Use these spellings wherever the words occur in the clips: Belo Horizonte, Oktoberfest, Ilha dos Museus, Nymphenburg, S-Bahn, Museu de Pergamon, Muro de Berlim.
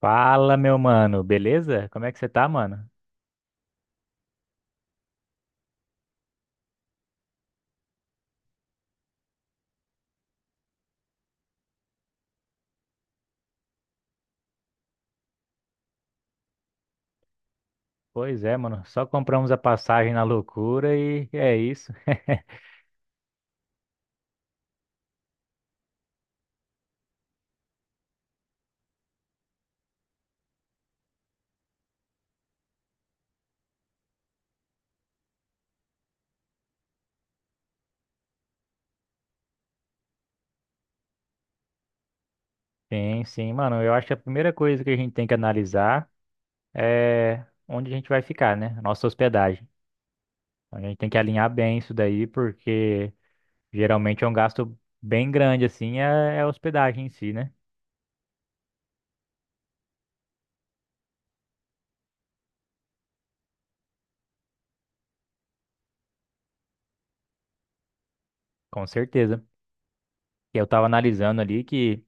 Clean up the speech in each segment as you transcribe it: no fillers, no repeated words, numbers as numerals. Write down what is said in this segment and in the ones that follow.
Fala, meu mano, beleza? Como é que você tá, mano? Pois é, mano, só compramos a passagem na loucura e é isso. Sim, sim, mano, eu acho que a primeira coisa que a gente tem que analisar é onde a gente vai ficar, né? Nossa hospedagem. A gente tem que alinhar bem isso daí, porque geralmente é um gasto bem grande, assim, é a hospedagem em si, né? Com certeza. E eu tava analisando ali que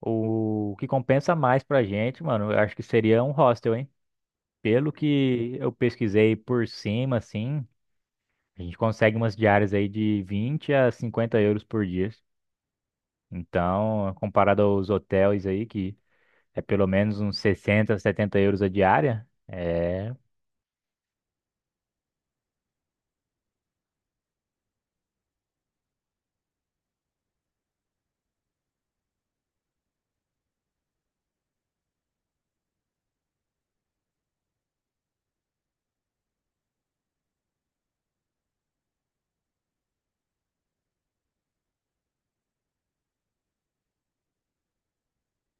o o que compensa mais pra gente, mano, eu acho que seria um hostel, hein? Pelo que eu pesquisei por cima, assim, a gente consegue umas diárias aí de 20 a 50 euros por dia. Então, comparado aos hotéis aí, que é pelo menos uns 60, 70 euros a diária, é...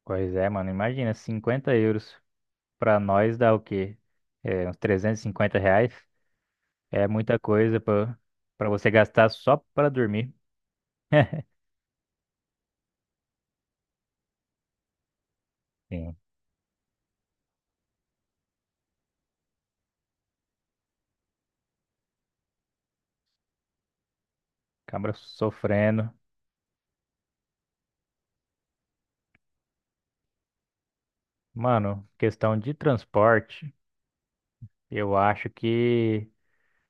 Pois é, mano, imagina, 50 euros pra nós dá o quê? É, uns 350 reais. É muita coisa pra você gastar só pra dormir. Sim, cabra sofrendo. Mano, questão de transporte, eu acho que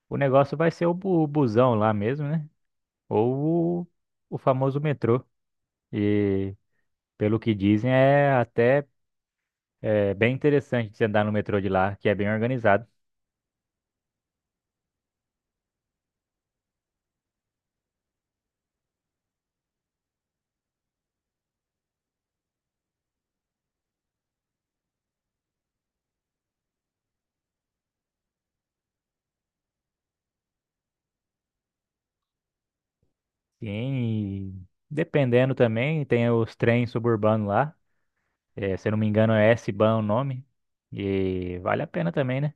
o negócio vai ser o busão lá mesmo, né? Ou o famoso metrô. E pelo que dizem, é até bem interessante você andar no metrô de lá, que é bem organizado. Sim, e dependendo também, tem os trens suburbanos lá. É, se eu não me engano, é S-Bahn o nome. E vale a pena também, né?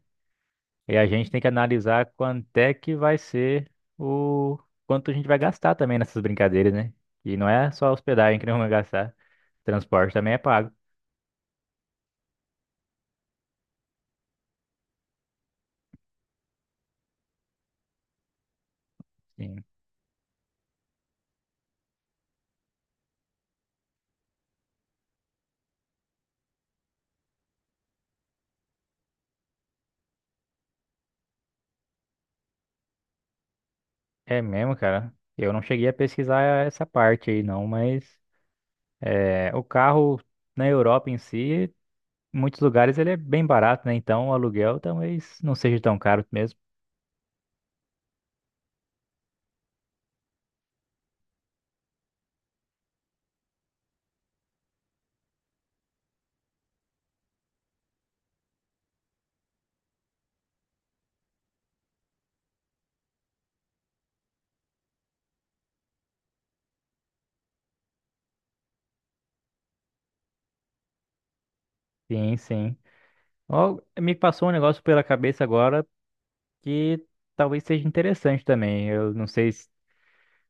E a gente tem que analisar quanto é que vai ser o quanto a gente vai gastar também nessas brincadeiras, né? E não é só hospedagem que não vai gastar, transporte também é pago. Sim. É mesmo, cara. Eu não cheguei a pesquisar essa parte aí, não, mas é, o carro na Europa em si, em muitos lugares ele é bem barato, né? Então o aluguel talvez não seja tão caro mesmo. Sim, sim. Ó, me passou um negócio pela cabeça agora que talvez seja interessante também. Eu não sei se,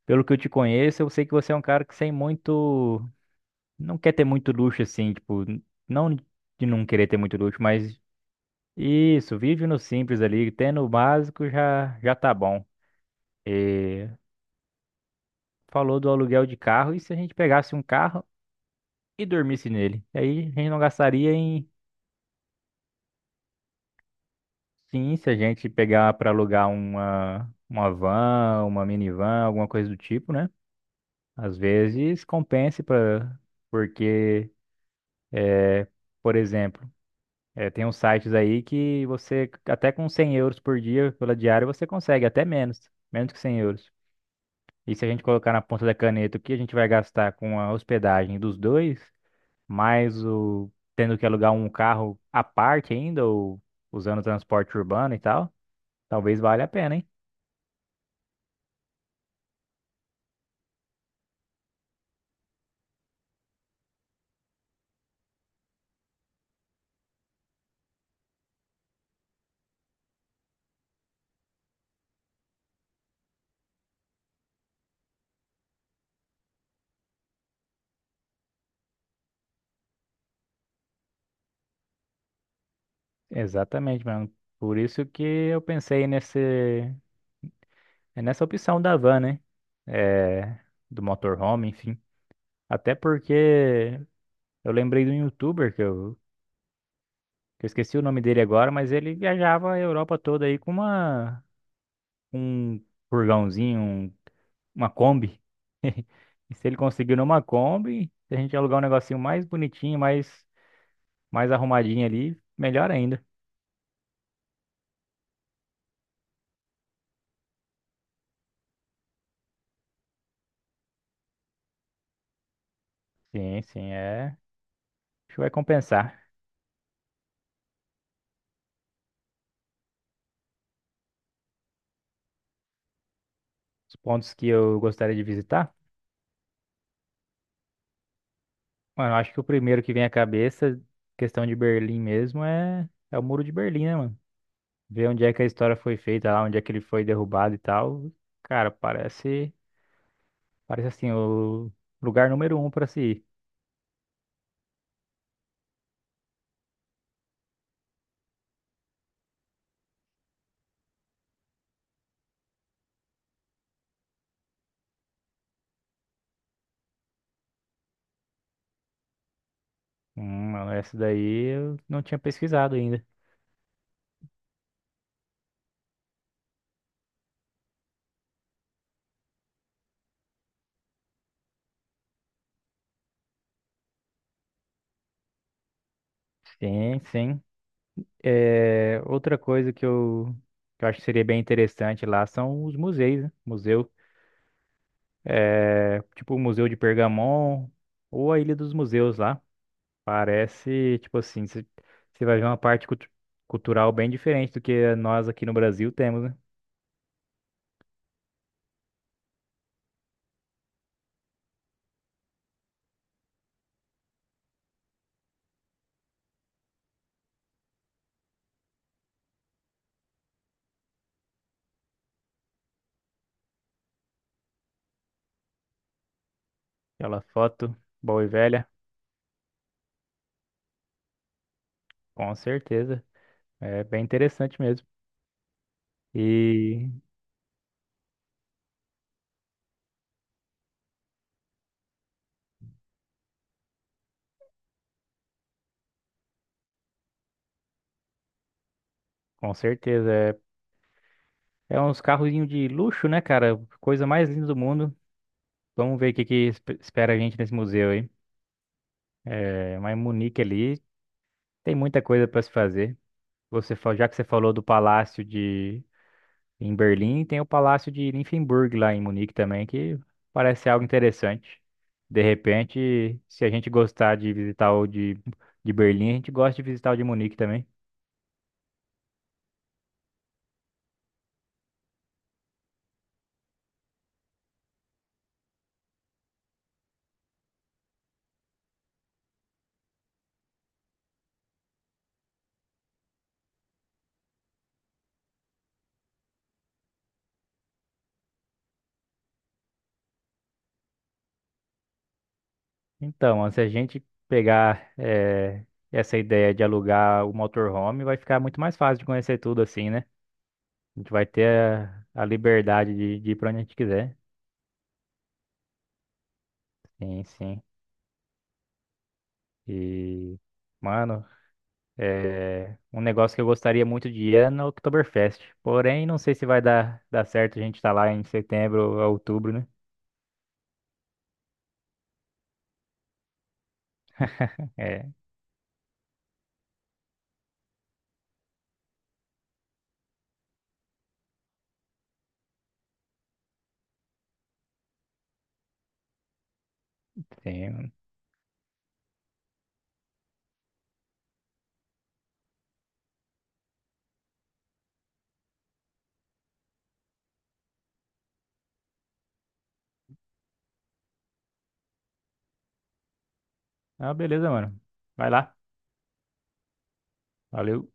pelo que eu te conheço, eu sei que você é um cara que sem muito, não quer ter muito luxo assim, tipo, não de não querer ter muito luxo, mas isso, vive no simples ali, tendo o básico já, já tá bom. E falou do aluguel de carro, e se a gente pegasse um carro e dormisse nele? Aí a gente não gastaria em sim, se a gente pegar para alugar uma van, uma minivan, alguma coisa do tipo, né? Às vezes compense para porque, por exemplo, é, tem uns sites aí que você, até com 100 euros por dia pela diária, você consegue até menos, menos que 100 euros. E se a gente colocar na ponta da caneta o que a gente vai gastar com a hospedagem dos dois, mais o tendo que alugar um carro à parte ainda, ou usando transporte urbano e tal, talvez valha a pena, hein? Exatamente, mano. Por isso que eu pensei nessa opção da van, né? É, do motorhome, enfim. Até porque eu lembrei de um youtuber que eu esqueci o nome dele agora, mas ele viajava a Europa toda aí com uma um furgãozinho, uma Kombi. E se ele conseguir numa Kombi, se a gente alugar um negocinho mais bonitinho, mais arrumadinho ali, melhor ainda. Sim, sim, é. Acho que vai compensar. Os pontos que eu gostaria de visitar. Mano, eu acho que o primeiro que vem à cabeça, questão de Berlim mesmo, é o Muro de Berlim, né, mano? Ver onde é que a história foi feita lá, onde é que ele foi derrubado e tal. Cara, parece, parece assim, o lugar número um pra se ir. Mano, essa daí eu não tinha pesquisado ainda. Sim, sim. É, outra coisa que eu acho que seria bem interessante lá são os museus, né? Museu, é, tipo o Museu de Pergamon ou a Ilha dos Museus lá. Parece, tipo assim, você vai ver uma parte cultural bem diferente do que nós aqui no Brasil temos, né? Aquela foto boa e velha, com certeza. É bem interessante mesmo. E com certeza. É uns carrozinhos de luxo, né, cara? Coisa mais linda do mundo. Vamos ver o que que espera a gente nesse museu aí. É, mas Munique ali tem muita coisa para se fazer. Você, já que você falou do palácio de em Berlim, tem o palácio de Nymphenburg lá em Munique também, que parece algo interessante. De repente, se a gente gostar de visitar o de Berlim, a gente gosta de visitar o de Munique também. Então, ó, se a gente pegar essa ideia de alugar o motorhome, vai ficar muito mais fácil de conhecer tudo assim, né? A gente vai ter a liberdade de ir pra onde a gente quiser. Sim, sim. E, mano, um negócio que eu gostaria muito de ir é no Oktoberfest. Porém, não sei se vai dar certo a gente estar lá em setembro ou outubro, né? É, sim. Ah, beleza, mano. Vai lá. Valeu.